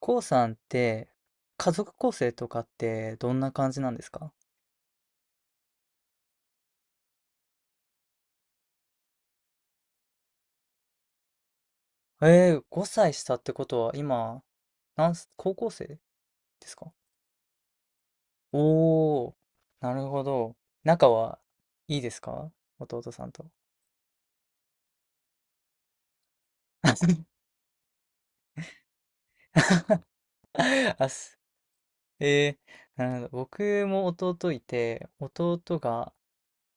こうさんって、家族構成とかってどんな感じなんですか？5歳下ってことは今、なんす、高校生ですか？おー、なるほど。仲はいいですか、弟さんと？あす、えー、なるほど。僕も弟いて、弟が、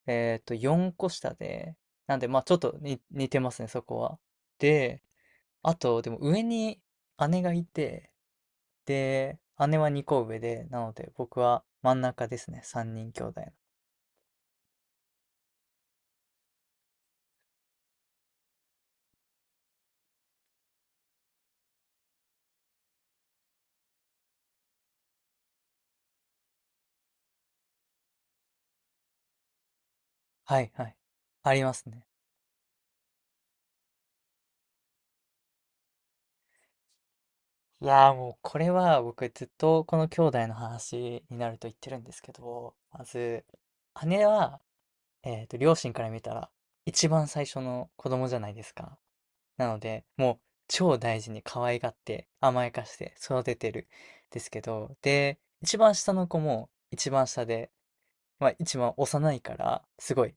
4個下で、なんで、まあちょっとに似てますね、そこは。で、あと、でも上に姉がいて、で、姉は2個上で、なので僕は真ん中ですね。3人兄弟の。はいはい。ありますね。いやー、もうこれは僕ずっとこの兄弟の話になると言ってるんですけど、まず、姉は、両親から見たら一番最初の子供じゃないですか。なので、もう超大事に可愛がって甘やかして育ててるんですけど、で、一番下の子も一番下で、まあ一番幼いからすごい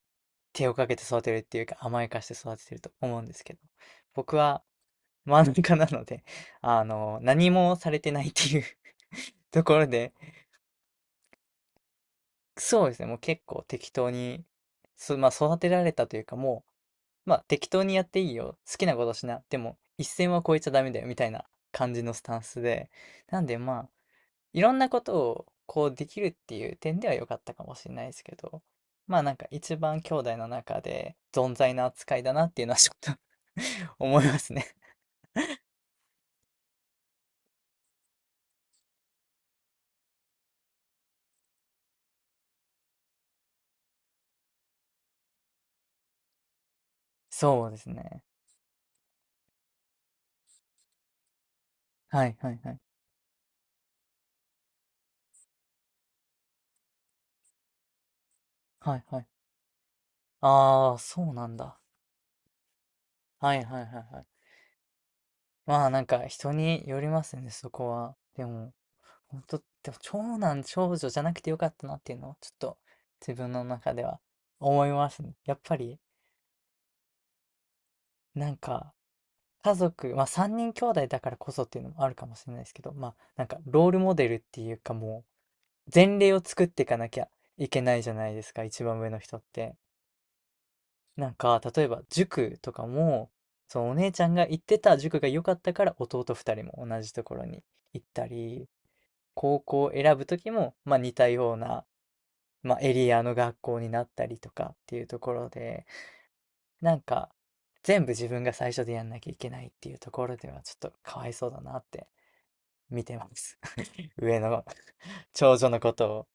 手をかけて育てるっていうか甘やかして育ててると思うんですけど、僕は真ん中なので、 何もされてないっていう ところで。そうですね、もう結構適当に、まあ、育てられたというか、もう、まあ、適当にやっていいよ、好きなことしな、でも一線は越えちゃダメだよみたいな感じのスタンスで、なんでまあ、いろんなことをこうできるっていう点では良かったかもしれないですけど、まあなんか一番兄弟の中で存在な扱いだなっていうのはちょっと、 思いますね。そうですね。はいはいはい。はいはい。ああ、そうなんだ。はいはいはいはい。まあなんか人によりますね、そこは。でも、本当、でも長男長女じゃなくてよかったなっていうのをちょっと自分の中では思いますね。やっぱり、なんか家族、まあ3人兄弟だからこそっていうのもあるかもしれないですけど、まあなんかロールモデルっていうか、もう前例を作っていかなきゃいけないじゃないですか、一番上の人って。なんか例えば塾とかも、そのお姉ちゃんが行ってた塾が良かったから弟2人も同じところに行ったり、高校を選ぶ時も、まあ似たような、まあエリアの学校になったりとかっていうところで、なんか全部自分が最初でやんなきゃいけないっていうところではちょっとかわいそうだなって見てます。上の 長女のことを。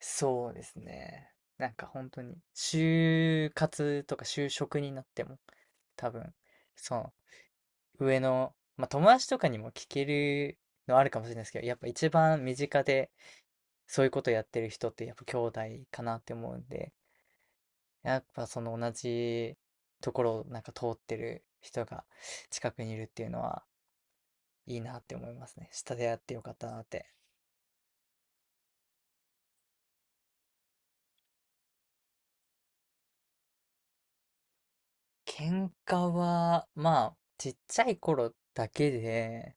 そうですね。なんか本当に、就活とか就職になっても、多分、その、上の、まあ友達とかにも聞けるのあるかもしれないですけど、やっぱ一番身近でそういうことやってる人ってやっぱ兄弟かなって思うんで、やっぱその同じところをなんか通ってる人が近くにいるっていうのはいいなって思いますね。下でやってよかったなって。喧嘩は、まあ、ちっちゃい頃だけで、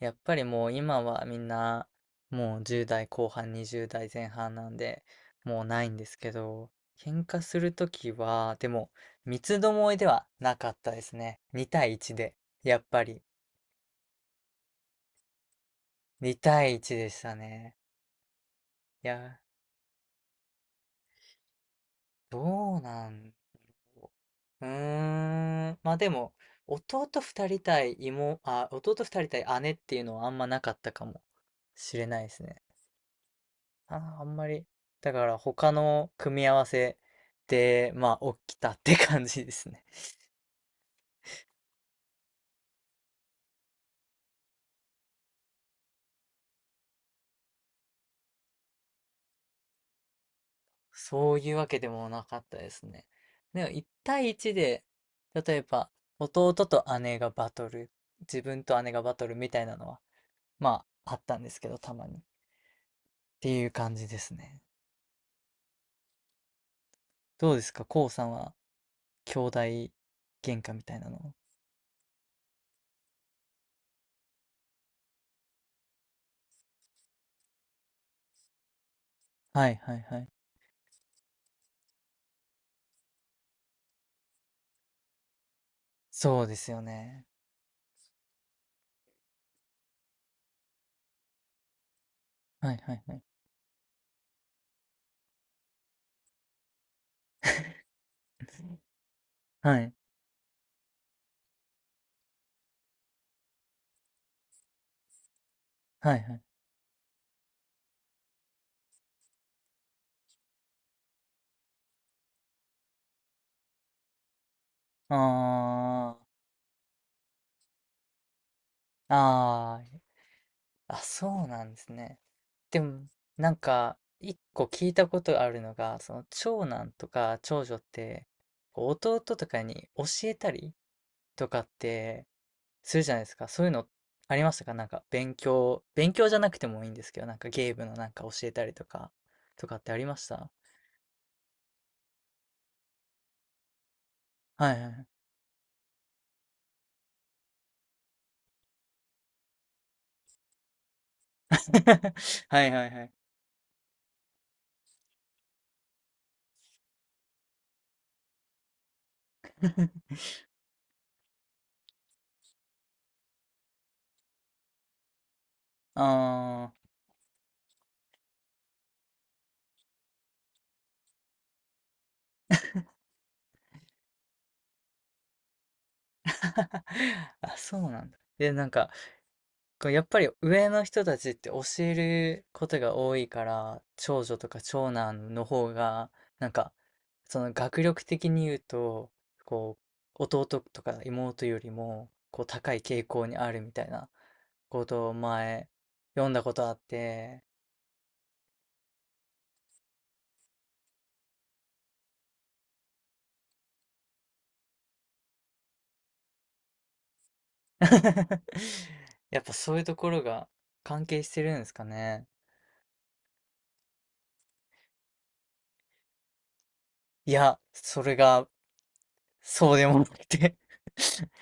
やっぱりもう今はみんな、もう10代後半、20代前半なんで、もうないんですけど、喧嘩するときは、でも、三つどもえではなかったですね。2対1で、やっぱり、2対1でしたね。いや、どうなんうーん、まあでも、弟2人対妹、あ、弟2人対姉っていうのはあんまなかったかもしれないですね。あ、あんまり。だから他の組み合わせで、まあ、起きたって感じですね。そういうわけでもなかったですね。でも1対1で、例えば弟と姉がバトル、自分と姉がバトルみたいなのは、まあ、あったんですけど、たまに。っていう感じですね。どうですか、こうさんは兄弟喧嘩みたいなの？はいはいはい。そうですよね。はいはいはい。はいはいはい。あー。ああ、あ、そうなんですね。でも、なんか、一個聞いたことあるのが、その長男とか長女って、こう弟とかに教えたりとかってするじゃないですか。そういうのありましたか？なんか勉強じゃなくてもいいんですけど、なんかゲームのなんか教えたりとか、とかってありました？はいはい。はいはいはい。あー あ、そうなんだ。で、なんか、こうやっぱり上の人たちって教えることが多いから、長女とか長男の方が、なんか、その学力的に言うと、こう、弟とか妹よりも、こう、高い傾向にあるみたいなことを前、読んだことあって、 やっぱそういうところが関係してるんですかね。いや、それが、そうでもなくて、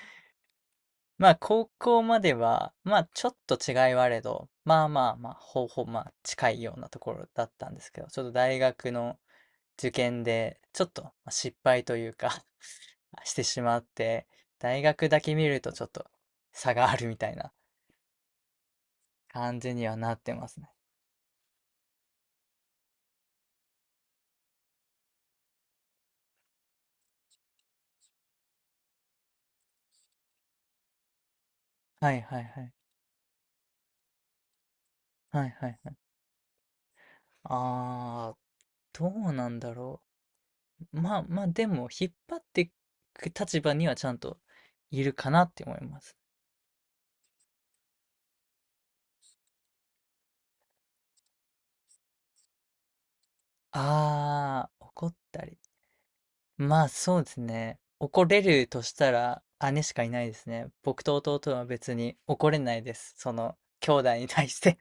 まあ、高校までは、まあ、ちょっと違いはあれど、まあまあまあ、ほぼまあ、近いようなところだったんですけど、ちょっと大学の受験で、ちょっとまあ失敗というか、 してしまって、大学だけ見るとちょっと差があるみたいな感じにはなってますね。はいはいはい。はいはいはい。あー、どうなんだろう。まあまあ、でも、引っ張っていく立場にはちゃんといるかなって思います。ああ、怒ったり。まあそうですね。怒れるとしたら姉しかいないですね。僕と弟は別に怒れないです。その兄弟に対して。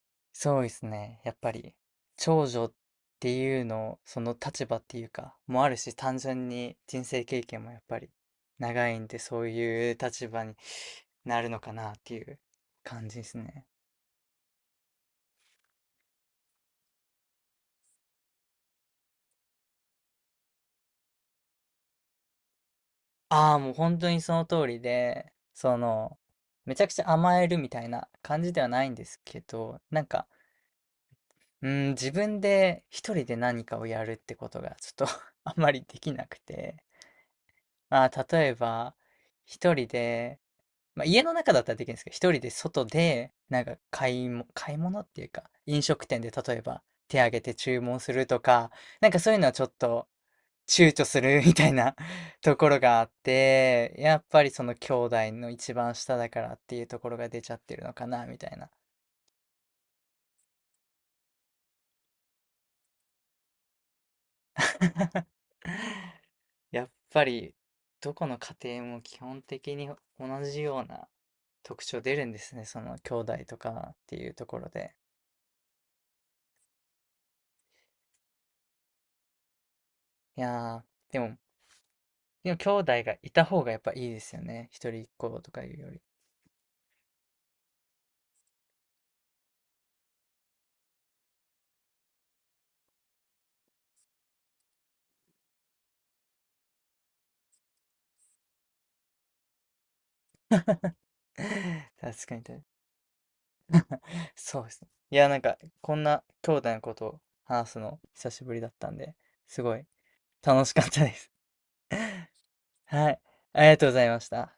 そうですね。やっぱり長女っていうの、その立場っていうか、もあるし、単純に人生経験もやっぱり長いんで、そういう立場になるのかなっていう感じですね。ああ、もう本当にその通りで、めちゃくちゃ甘えるみたいな感じではないんですけど、なんか、うん、自分で一人で何かをやるってことがちょっと あんまりできなくて、まあ、例えば、一人で、まあ、家の中だったらできるんですけど、一人で外で、なんか買い物っていうか、飲食店で例えば手挙げて注文するとか、なんかそういうのはちょっと躊躇する みたいな ところがあって、やっぱりその兄弟の一番下だからっていうところが出ちゃってるのかな、みたいな。やっぱり、どこの家庭も基本的に同じような特徴出るんですね。その兄弟とかっていうところで。いやー、でも兄弟がいた方がやっぱいいですよね。一人っ子とかいうより。確かに確かに。そうですね。いやー、なんか、こんな兄弟のことを話すの久しぶりだったんで、すごい楽しかったです。はい。ありがとうございました。